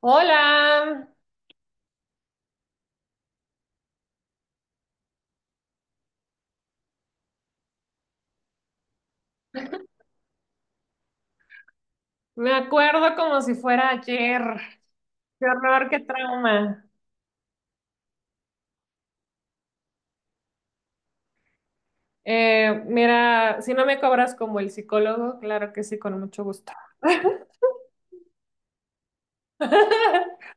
Hola, me acuerdo como si fuera ayer. Qué horror, qué trauma. Mira, si no me cobras como el psicólogo, claro que sí, con mucho gusto.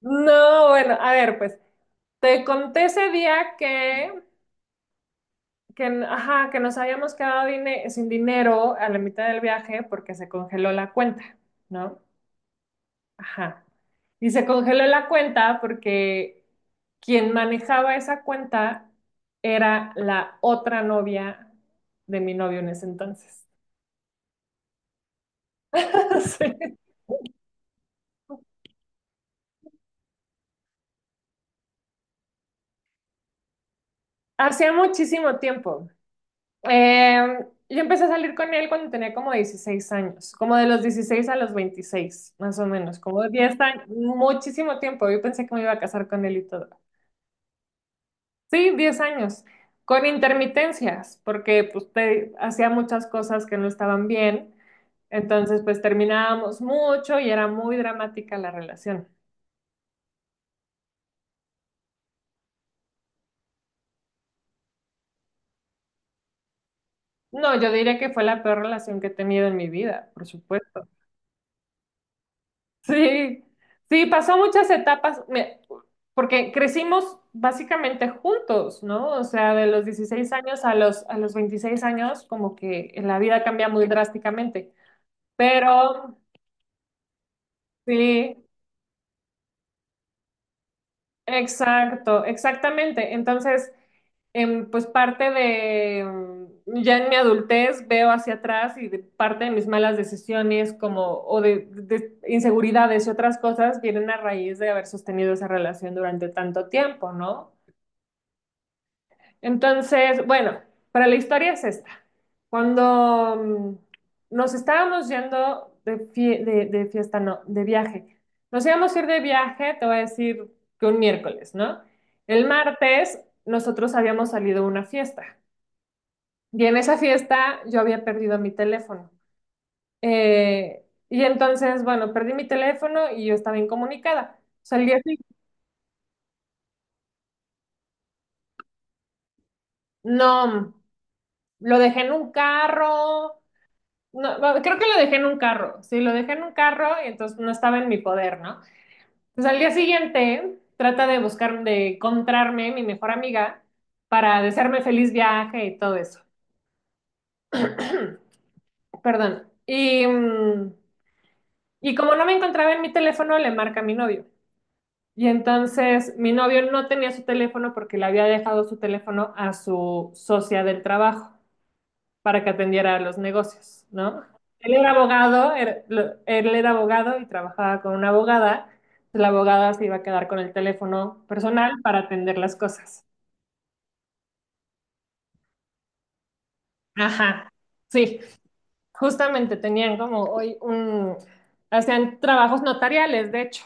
No, bueno, a ver, pues te conté ese día ajá, que nos habíamos quedado sin dinero a la mitad del viaje porque se congeló la cuenta, ¿no? Ajá. Y se congeló la cuenta porque quien manejaba esa cuenta era la otra novia de mi novio en ese entonces. Sí. Hacía muchísimo tiempo. Yo empecé a salir con él cuando tenía como 16 años, como de los 16 a los 26, más o menos, como 10 años, muchísimo tiempo. Yo pensé que me iba a casar con él y todo. Sí, 10 años, con intermitencias, porque pues hacía muchas cosas que no estaban bien, entonces pues terminábamos mucho y era muy dramática la relación. No, yo diría que fue la peor relación que he tenido en mi vida, por supuesto. Sí, sí, pasó muchas etapas, porque crecimos básicamente juntos, ¿no? O sea, de los 16 años a los 26 años, como que la vida cambia muy drásticamente, pero sí. Exacto, exactamente. Entonces, pues parte de, ya en mi adultez veo hacia atrás, y de parte de mis malas decisiones, como, o de inseguridades y otras cosas vienen a raíz de haber sostenido esa relación durante tanto tiempo, ¿no? Entonces, bueno, para la historia es esta. Cuando nos estábamos yendo de fiesta, no, de viaje. Nos íbamos a ir de viaje, te voy a decir que un miércoles, ¿no? El martes nosotros habíamos salido a una fiesta y en esa fiesta yo había perdido mi teléfono. Y entonces, bueno, perdí mi teléfono y yo estaba incomunicada. Salí así. No, lo dejé en un carro. No, no, creo que lo dejé en un carro. Sí, lo dejé en un carro y entonces no estaba en mi poder, ¿no? Entonces, al día siguiente, trata de buscar, de encontrarme mi mejor amiga para desearme feliz viaje y todo eso. Perdón. Y como no me encontraba en mi teléfono, le marca a mi novio. Y entonces mi novio no tenía su teléfono porque le había dejado su teléfono a su socia del trabajo, para que atendiera los negocios, ¿no? Él era abogado, era- lo- él era abogado y trabajaba con una abogada. La abogada se iba a quedar con el teléfono personal para atender las cosas. Ajá, sí, justamente tenían como hoy un, hacían trabajos notariales, de hecho.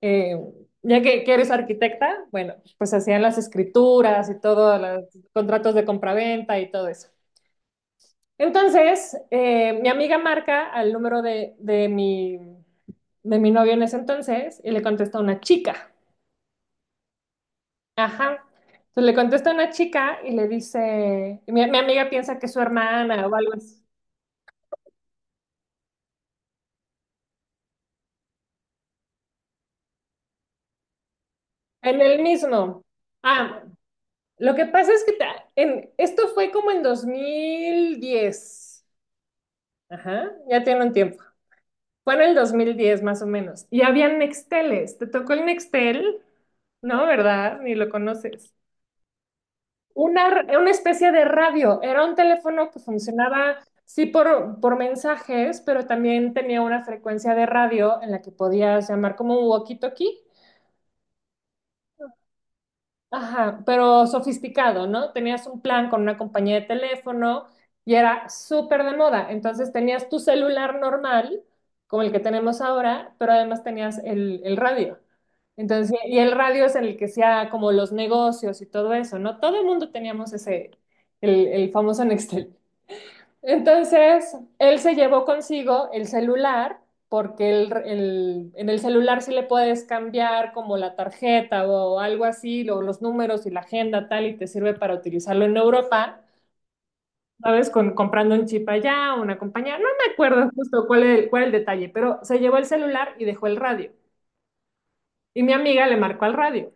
Eh, ya que eres arquitecta, bueno, pues hacían las escrituras y todos los contratos de compraventa y todo eso. Entonces, mi amiga marca al número de mi novio en ese entonces y le contesta a una chica. Ajá. Entonces, le contesta a una chica y le dice, y mi amiga piensa que es su hermana o algo así. En el mismo. Ah, lo que pasa es que esto fue como en 2010. Ajá, ya tiene un tiempo. Fue en el 2010, más o menos. Y había Nexteles. ¿Te tocó el Nextel? No, ¿verdad? Ni lo conoces. Una especie de radio. Era un teléfono que funcionaba, sí, por mensajes, pero también tenía una frecuencia de radio en la que podías llamar como un walkie-talkie. Ajá, pero sofisticado, ¿no? Tenías un plan con una compañía de teléfono y era súper de moda. Entonces, tenías tu celular normal, como el que tenemos ahora, pero además tenías el radio. Entonces, y el radio es en el que hacía como los negocios y todo eso, ¿no? Todo el mundo teníamos ese, el famoso Nextel. Entonces, él se llevó consigo el celular, porque en el celular sí le puedes cambiar como la tarjeta o algo así, o los números y la agenda tal, y te sirve para utilizarlo en Europa, ¿sabes? Con, comprando un chip allá, una compañía, no me acuerdo justo cuál es el, cuál el detalle, pero se llevó el celular y dejó el radio. Y mi amiga le marcó al radio.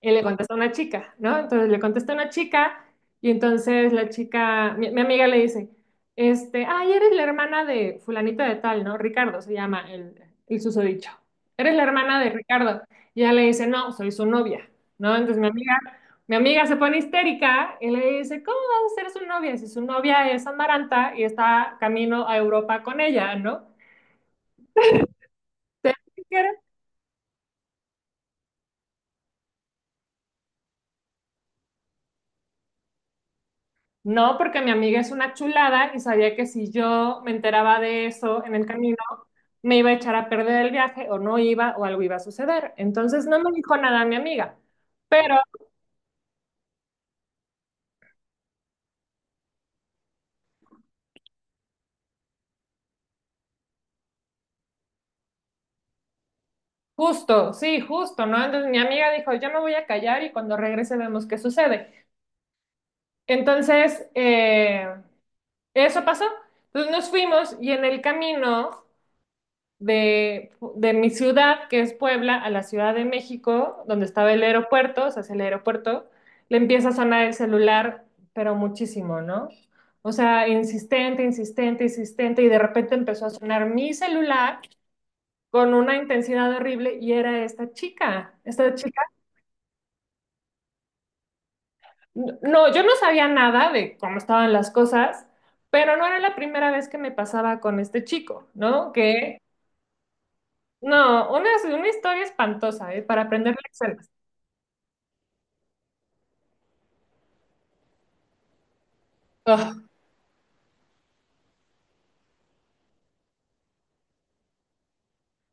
Y le contesta una chica, ¿no? Entonces, le contesta una chica, y entonces la chica, mi amiga le dice, este, ay, eres la hermana de fulanito de tal, ¿no? Ricardo se llama el susodicho. Eres la hermana de Ricardo. Y ella le dice, no, soy su novia, ¿no? Entonces mi amiga se pone histérica y le dice, ¿cómo vas a ser su novia si su novia es Amaranta y está camino a Europa con ella, ¿no? Te- No, porque mi amiga es una chulada y sabía que si yo me enteraba de eso en el camino, me iba a echar a perder el viaje, o no iba, o algo iba a suceder. Entonces, no me dijo nada mi amiga, pero justo, sí, justo, ¿no? Entonces mi amiga dijo, yo me voy a callar y cuando regrese vemos qué sucede. Entonces, eso pasó. Entonces nos fuimos, y en el camino de mi ciudad, que es Puebla, a la Ciudad de México, donde estaba el aeropuerto, o sea, hacia el aeropuerto, le empieza a sonar el celular, pero muchísimo, ¿no? O sea, insistente, insistente, insistente, y de repente empezó a sonar mi celular con una intensidad horrible y era esta chica, esta chica. No, yo no sabía nada de cómo estaban las cosas, pero no era la primera vez que me pasaba con este chico, ¿no? Que no, una historia espantosa, ¿eh? Para aprender lecciones. Ah,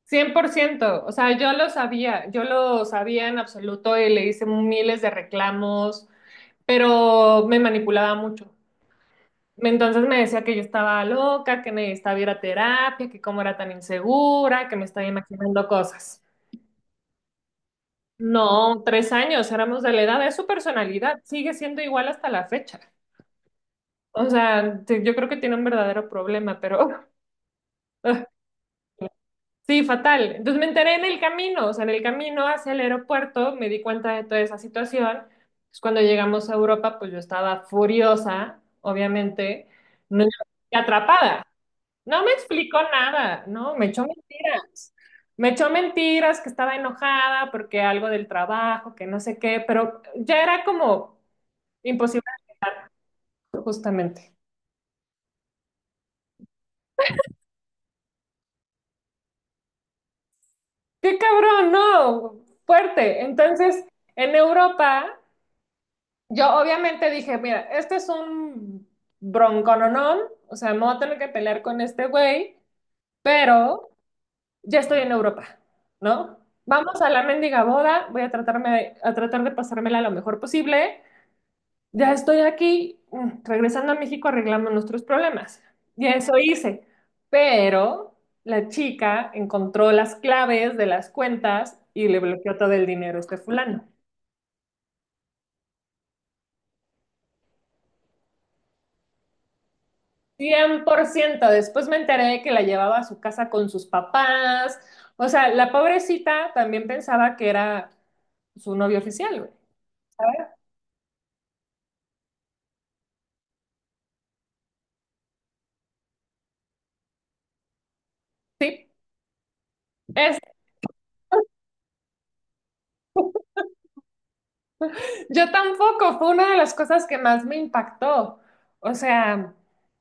100%, o sea, yo lo sabía en absoluto, y le hice miles de reclamos, pero me manipulaba mucho. Entonces me decía que yo estaba loca, que necesitaba ir a terapia, que cómo era tan insegura, que me estaba imaginando cosas. No, tres años, éramos de la edad, es su personalidad, sigue siendo igual hasta la fecha. O sea, yo creo que tiene un verdadero problema, pero sí, fatal. Entonces me enteré en el camino, o sea, en el camino hacia el aeropuerto me di cuenta de toda esa situación. Pues cuando llegamos a Europa, pues yo estaba furiosa, obviamente, no, y atrapada. No me explicó nada, no, me echó mentiras. Me echó mentiras, que estaba enojada porque algo del trabajo, que no sé qué, pero ya era como imposible, justamente. ¡Qué cabrón! No, fuerte. Entonces, en Europa, yo obviamente dije, mira, este es un broncononón, o sea, me voy a tener que pelear con este güey, pero ya estoy en Europa, ¿no? Vamos a la mendiga boda, voy a tratarme, a tratar de pasármela lo mejor posible. Ya estoy aquí, regresando a México arreglamos nuestros problemas. Y eso hice. Pero la chica encontró las claves de las cuentas y le bloqueó todo el dinero a este fulano. 100%. Después me enteré de que la llevaba a su casa con sus papás. O sea, la pobrecita también pensaba que era su novio oficial, güey. ¿Sabes? Sí. Es, yo tampoco, fue una de las cosas que más me impactó. O sea,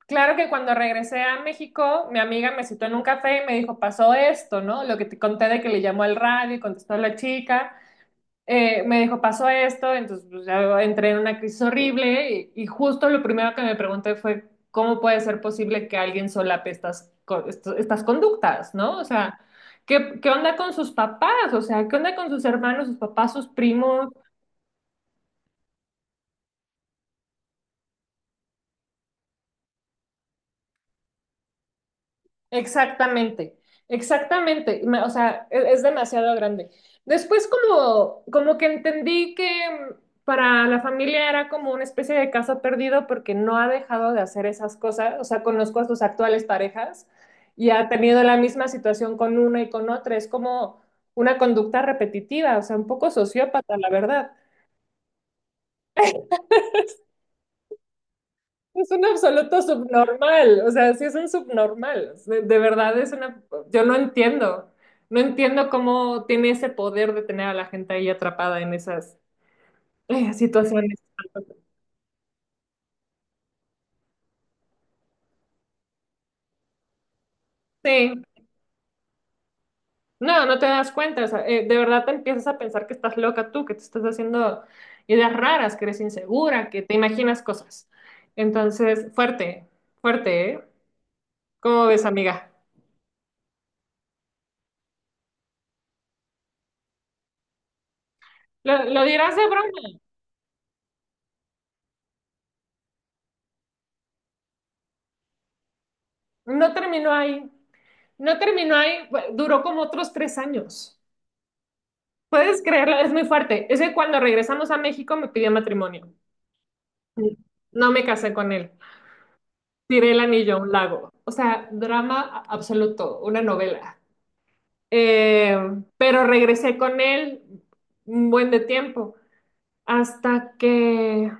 claro que cuando regresé a México, mi amiga me citó en un café y me dijo, pasó esto, ¿no? Lo que te conté, de que le llamó al radio y contestó la chica. Me dijo, pasó esto, entonces pues, ya entré en una crisis horrible, y justo lo primero que me pregunté fue, ¿cómo puede ser posible que alguien solape estas, estas conductas, ¿no? O sea, ¿qué, qué onda con sus papás? O sea, ¿qué onda con sus hermanos, sus papás, sus primos? Exactamente, exactamente. O sea, es demasiado grande. Después, como que entendí que, mm, para la familia era como una especie de caso perdido porque no ha dejado de hacer esas cosas. O sea, conozco a sus actuales parejas y ha tenido la misma situación con una y con otra. Es como una conducta repetitiva, o sea, un poco sociópata, la verdad. Es un absoluto subnormal, o sea, sí es un subnormal, de verdad es una, yo no entiendo, no entiendo cómo tiene ese poder de tener a la gente ahí atrapada en esas, situaciones. Sí, no, no te das cuenta, o sea, de verdad te empiezas a pensar que estás loca tú, que te estás haciendo ideas raras, que eres insegura, que te imaginas cosas. Entonces, fuerte, fuerte, ¿eh? ¿Cómo ves, amiga? Lo dirás de broma. No terminó ahí. No terminó ahí, duró como otros 3 años. ¿Puedes creerlo? Es muy fuerte. Es que cuando regresamos a México me pidió matrimonio. No me casé con él. Tiré el anillo a un lago. O sea, drama absoluto, una novela. Eh, pero regresé con él un buen de tiempo hasta que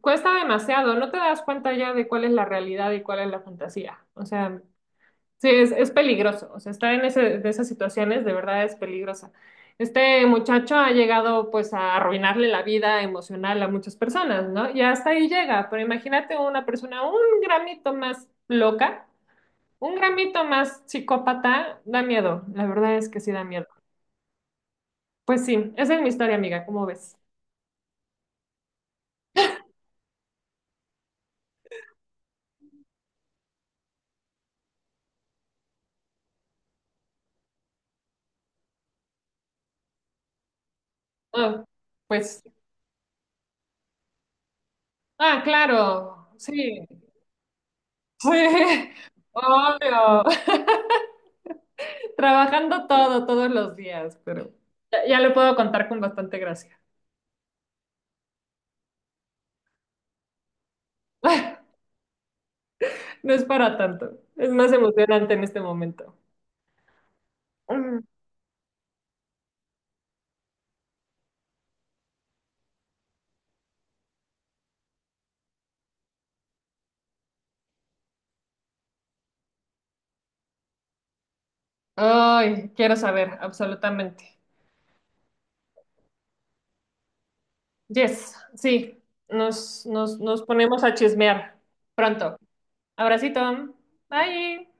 cuesta demasiado. No te das cuenta ya de cuál es la realidad y cuál es la fantasía. O sea, sí, es peligroso, o sea, estar en ese, de esas situaciones de verdad es peligrosa. Este muchacho ha llegado pues a arruinarle la vida emocional a muchas personas, ¿no? Y hasta ahí llega, pero imagínate una persona un gramito más loca, un gramito más psicópata, da miedo, la verdad es que sí da miedo. Pues sí, esa es mi historia, amiga, ¿cómo ves? Ah, pues, ah, claro, sí, sí, obvio. Trabajando todo, todos los días, pero ya, ya lo puedo contar con bastante gracia. No es para tanto, es más emocionante en este momento. Mm. Ay, quiero saber, absolutamente. Yes, sí, nos ponemos a chismear pronto. Abracito, bye.